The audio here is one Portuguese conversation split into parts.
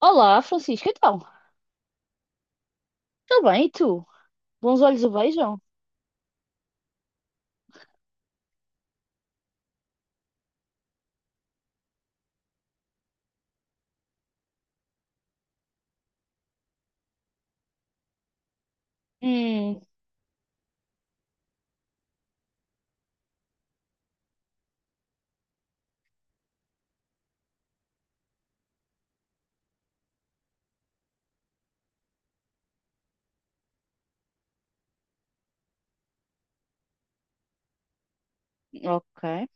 Olá, Francisco, então, tudo bem? E tu? Bons olhos o beijam? Hum. Ok.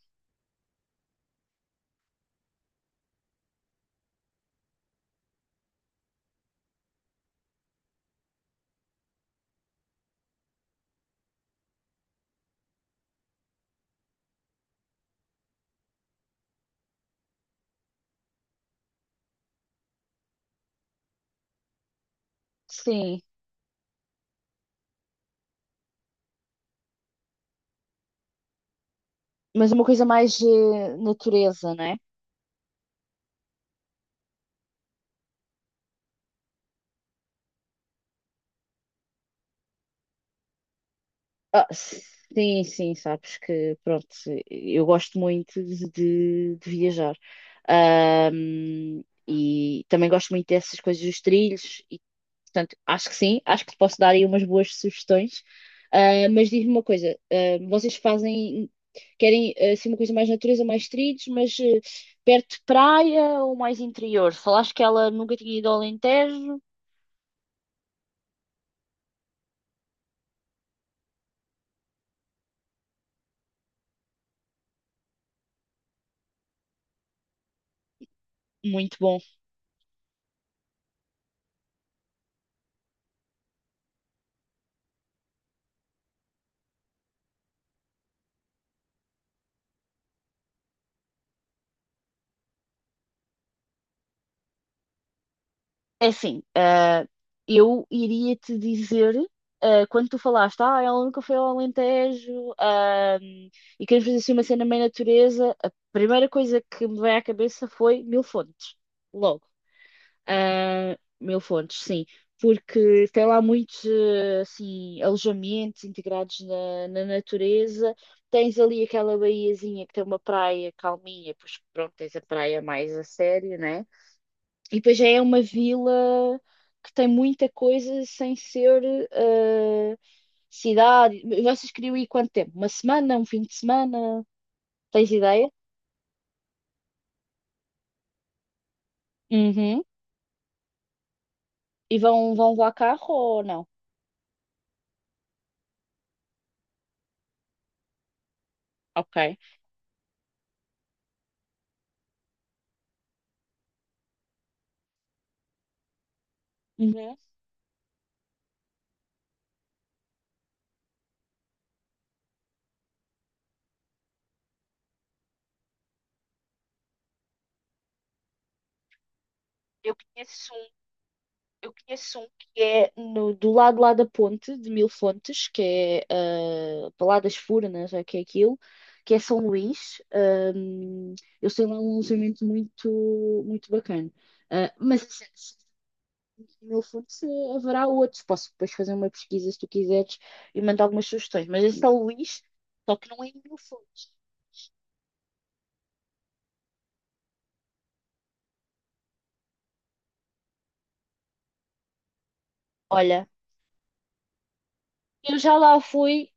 Sim, mas uma coisa mais natureza, né? Ah, sim, sim, sabes que, pronto, eu gosto muito de viajar. Ahm, e também gosto muito dessas coisas dos trilhos. Portanto, acho que sim, acho que te posso dar aí umas boas sugestões. Ah, mas diz-me uma coisa, ah, vocês fazem, querem ah, assim uma coisa mais natureza, mais trilhos, mas perto de praia ou mais interior? Falaste que ela nunca tinha ido ao Alentejo. Muito bom. É assim, ah, eu iria te dizer, ah, quando tu falaste, ah, ela nunca foi ao Alentejo, ah, e queremos fazer assim uma cena meio natureza. A primeira coisa que me veio à cabeça foi Mil Fontes, logo. Ah, Mil Fontes, sim, porque tem lá muitos assim, alojamentos integrados na natureza. Tens ali aquela baiazinha que tem uma praia calminha, pois pronto, tens a praia mais a sério, né? E depois já é uma vila que tem muita coisa sem ser cidade. Vocês queriam ir quanto tempo? Uma semana, um fim de semana? Tens ideia? Uhum. E vão lá carro ou não? Ok. Uhum. Eu conheço. Eu conheço um que é no, do lado lá da ponte de Mil Fontes, que é para lá das Furnas, é que é aquilo, que é São Luís. Eu sei lá um alojamento muito, muito bacana. Ah, mas assim, se em Mil Fontes haverá outros. Posso depois fazer uma pesquisa se tu quiseres e mandar algumas sugestões. Mas é São Luís, só que não é em Mil Fontes. Olha, eu já lá fui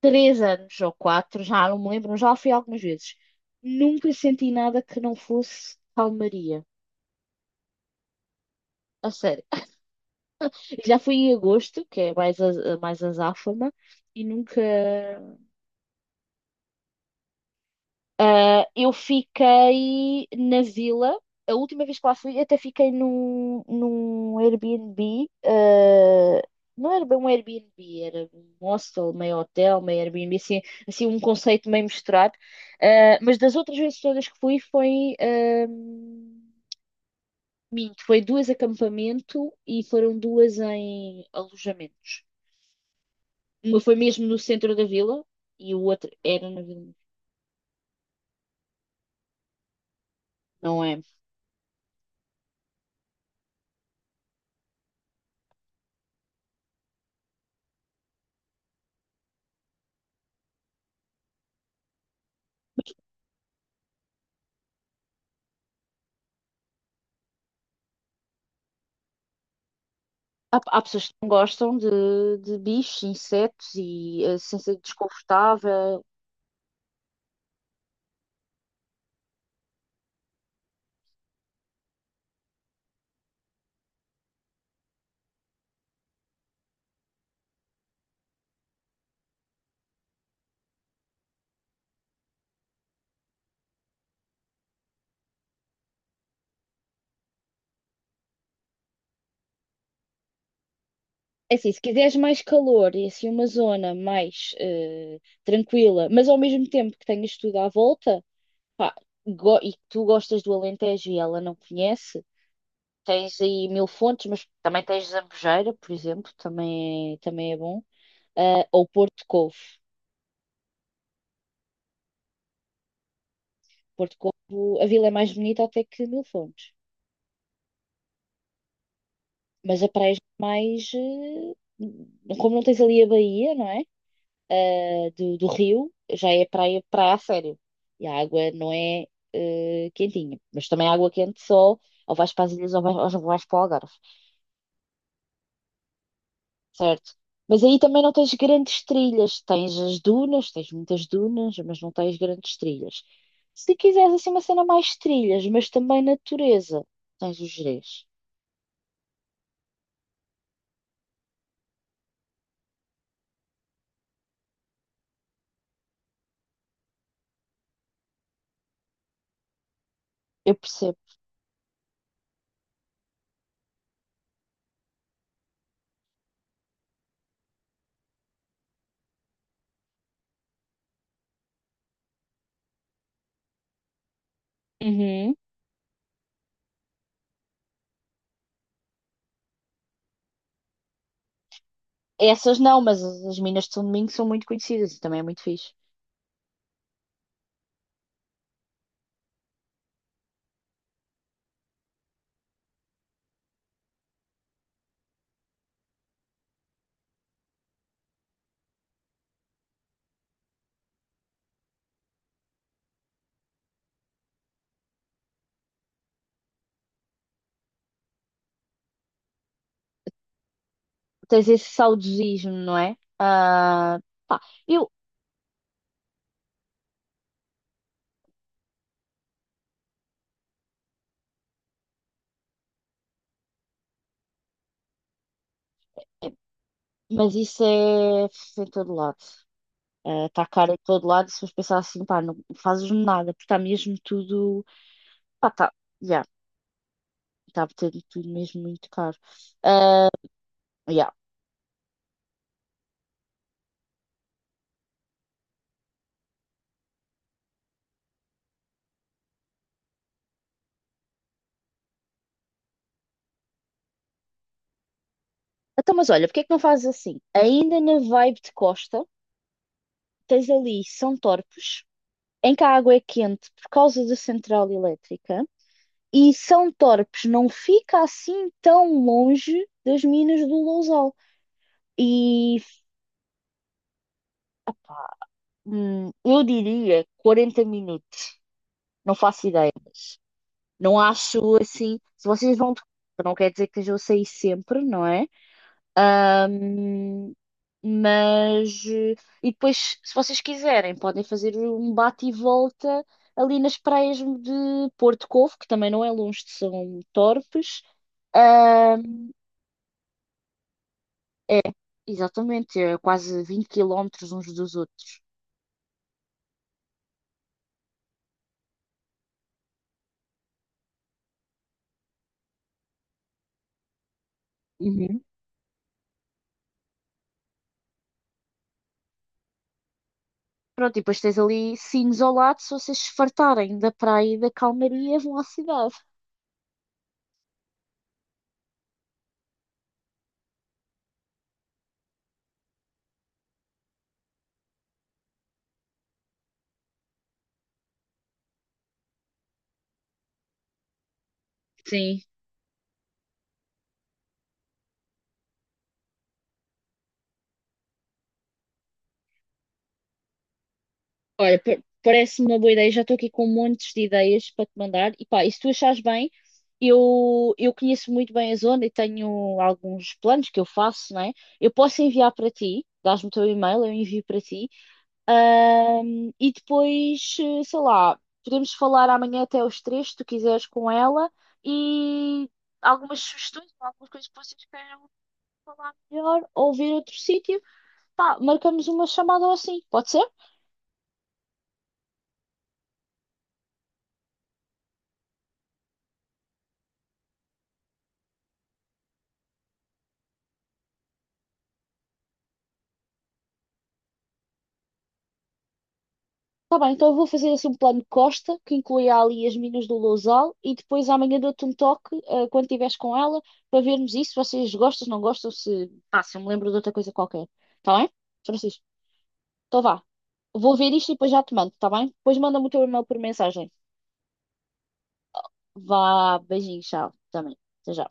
três anos ou quatro, já não me lembro, mas já fui algumas vezes. Nunca senti nada que não fosse calmaria. A sério. Já fui em agosto, que é mais mais azáfama, e nunca. Ah, eu fiquei na vila. A última vez que lá fui, até fiquei num Airbnb. Não era bem um Airbnb, era um hostel, meio hotel, meio Airbnb, assim um conceito meio misturado. Ah, mas das outras vezes todas que fui, foi. Minto, foi duas acampamento e foram duas em alojamentos. Uma foi mesmo no centro da vila e o outro era na vila. Não é? Há pessoas que não gostam de bichos, insetos e a sensação desconfortável. É assim, se quiseres mais calor e assim uma zona mais tranquila, mas ao mesmo tempo que tenhas tudo à volta, pá, e que tu gostas do Alentejo e ela não conhece, tens aí Mil Fontes, mas também tens Zambujeira, por exemplo, também é bom. Ah, ou Porto Covo. Porto Covo, a vila é mais bonita até que Mil Fontes. Mas a praia é mais. Como não tens ali a baía, não é? Ah, do rio, já é praia, praia a sério. E a água não é quentinha. Mas também a água quente só, ou vais para as ilhas ou vais, ou não vais para o Algarve, certo? Mas aí também não tens grandes trilhas. Tens as dunas, tens muitas dunas, mas não tens grandes trilhas. Se quiseres assim uma cena mais trilhas, mas também natureza, tens os Gerês. Eu percebo. Uhum. Essas não, mas as minas de São Domingos são muito conhecidas e também é muito fixe. Tens esse saudosismo, não é? Ah, pá, eu, mas isso é em todo lado. Está caro em todo lado. Se fores pensar assim, pá, não fazes nada, porque está mesmo tudo. Pá, está. Já, está tudo mesmo muito caro. ah já. Então, mas olha, porque é que não fazes assim? Ainda na vibe de Costa, tens ali São Torpes, em que a água é quente por causa da central elétrica. E São Torpes não fica assim tão longe das minas do Lousal. E eu diria 40 minutos. Não faço ideia, mas não acho assim. Se vocês vão de carro, não quer dizer que eu saí sempre, não é? Ahm, mas. eh, E depois, se vocês quiserem, podem fazer um bate e volta ali nas praias de Porto Covo, que também não é longe de São Torpes. Ah, é, exatamente, é quase 20 quilómetros uns dos outros. Uhum. Pronto, e depois tens ali Sines ao lado, se vocês se fartarem da praia e da calmaria, vão à cidade. Sim. Olha, parece-me uma boa ideia. Já estou aqui com montes de ideias para te mandar. E pá, e se tu achares bem, eu conheço muito bem a zona e tenho alguns planos que eu faço, não é? Eu posso enviar para ti, dás-me o teu e-mail, eu envio para ti. E depois, sei lá, podemos falar amanhã até aos três, se tu quiseres, com ela e algumas sugestões, algumas coisas que vocês queiram falar melhor ou ver outro sítio. Pá, marcamos uma chamada ou assim, pode ser? Tá bem, então eu vou fazer assim um plano de Costa que inclui ali as minas do Lousal e depois amanhã dou-te um toque, quando estiveres com ela para vermos isso, se vocês gostam, se não gostam, se, pá, se eu me lembro de outra coisa qualquer. Tá bem? Francisco? Então vá. Vou ver isto e depois já te mando, tá bem? Depois manda-me o teu e-mail por mensagem. Vá, beijinho, tchau. Também. Até já.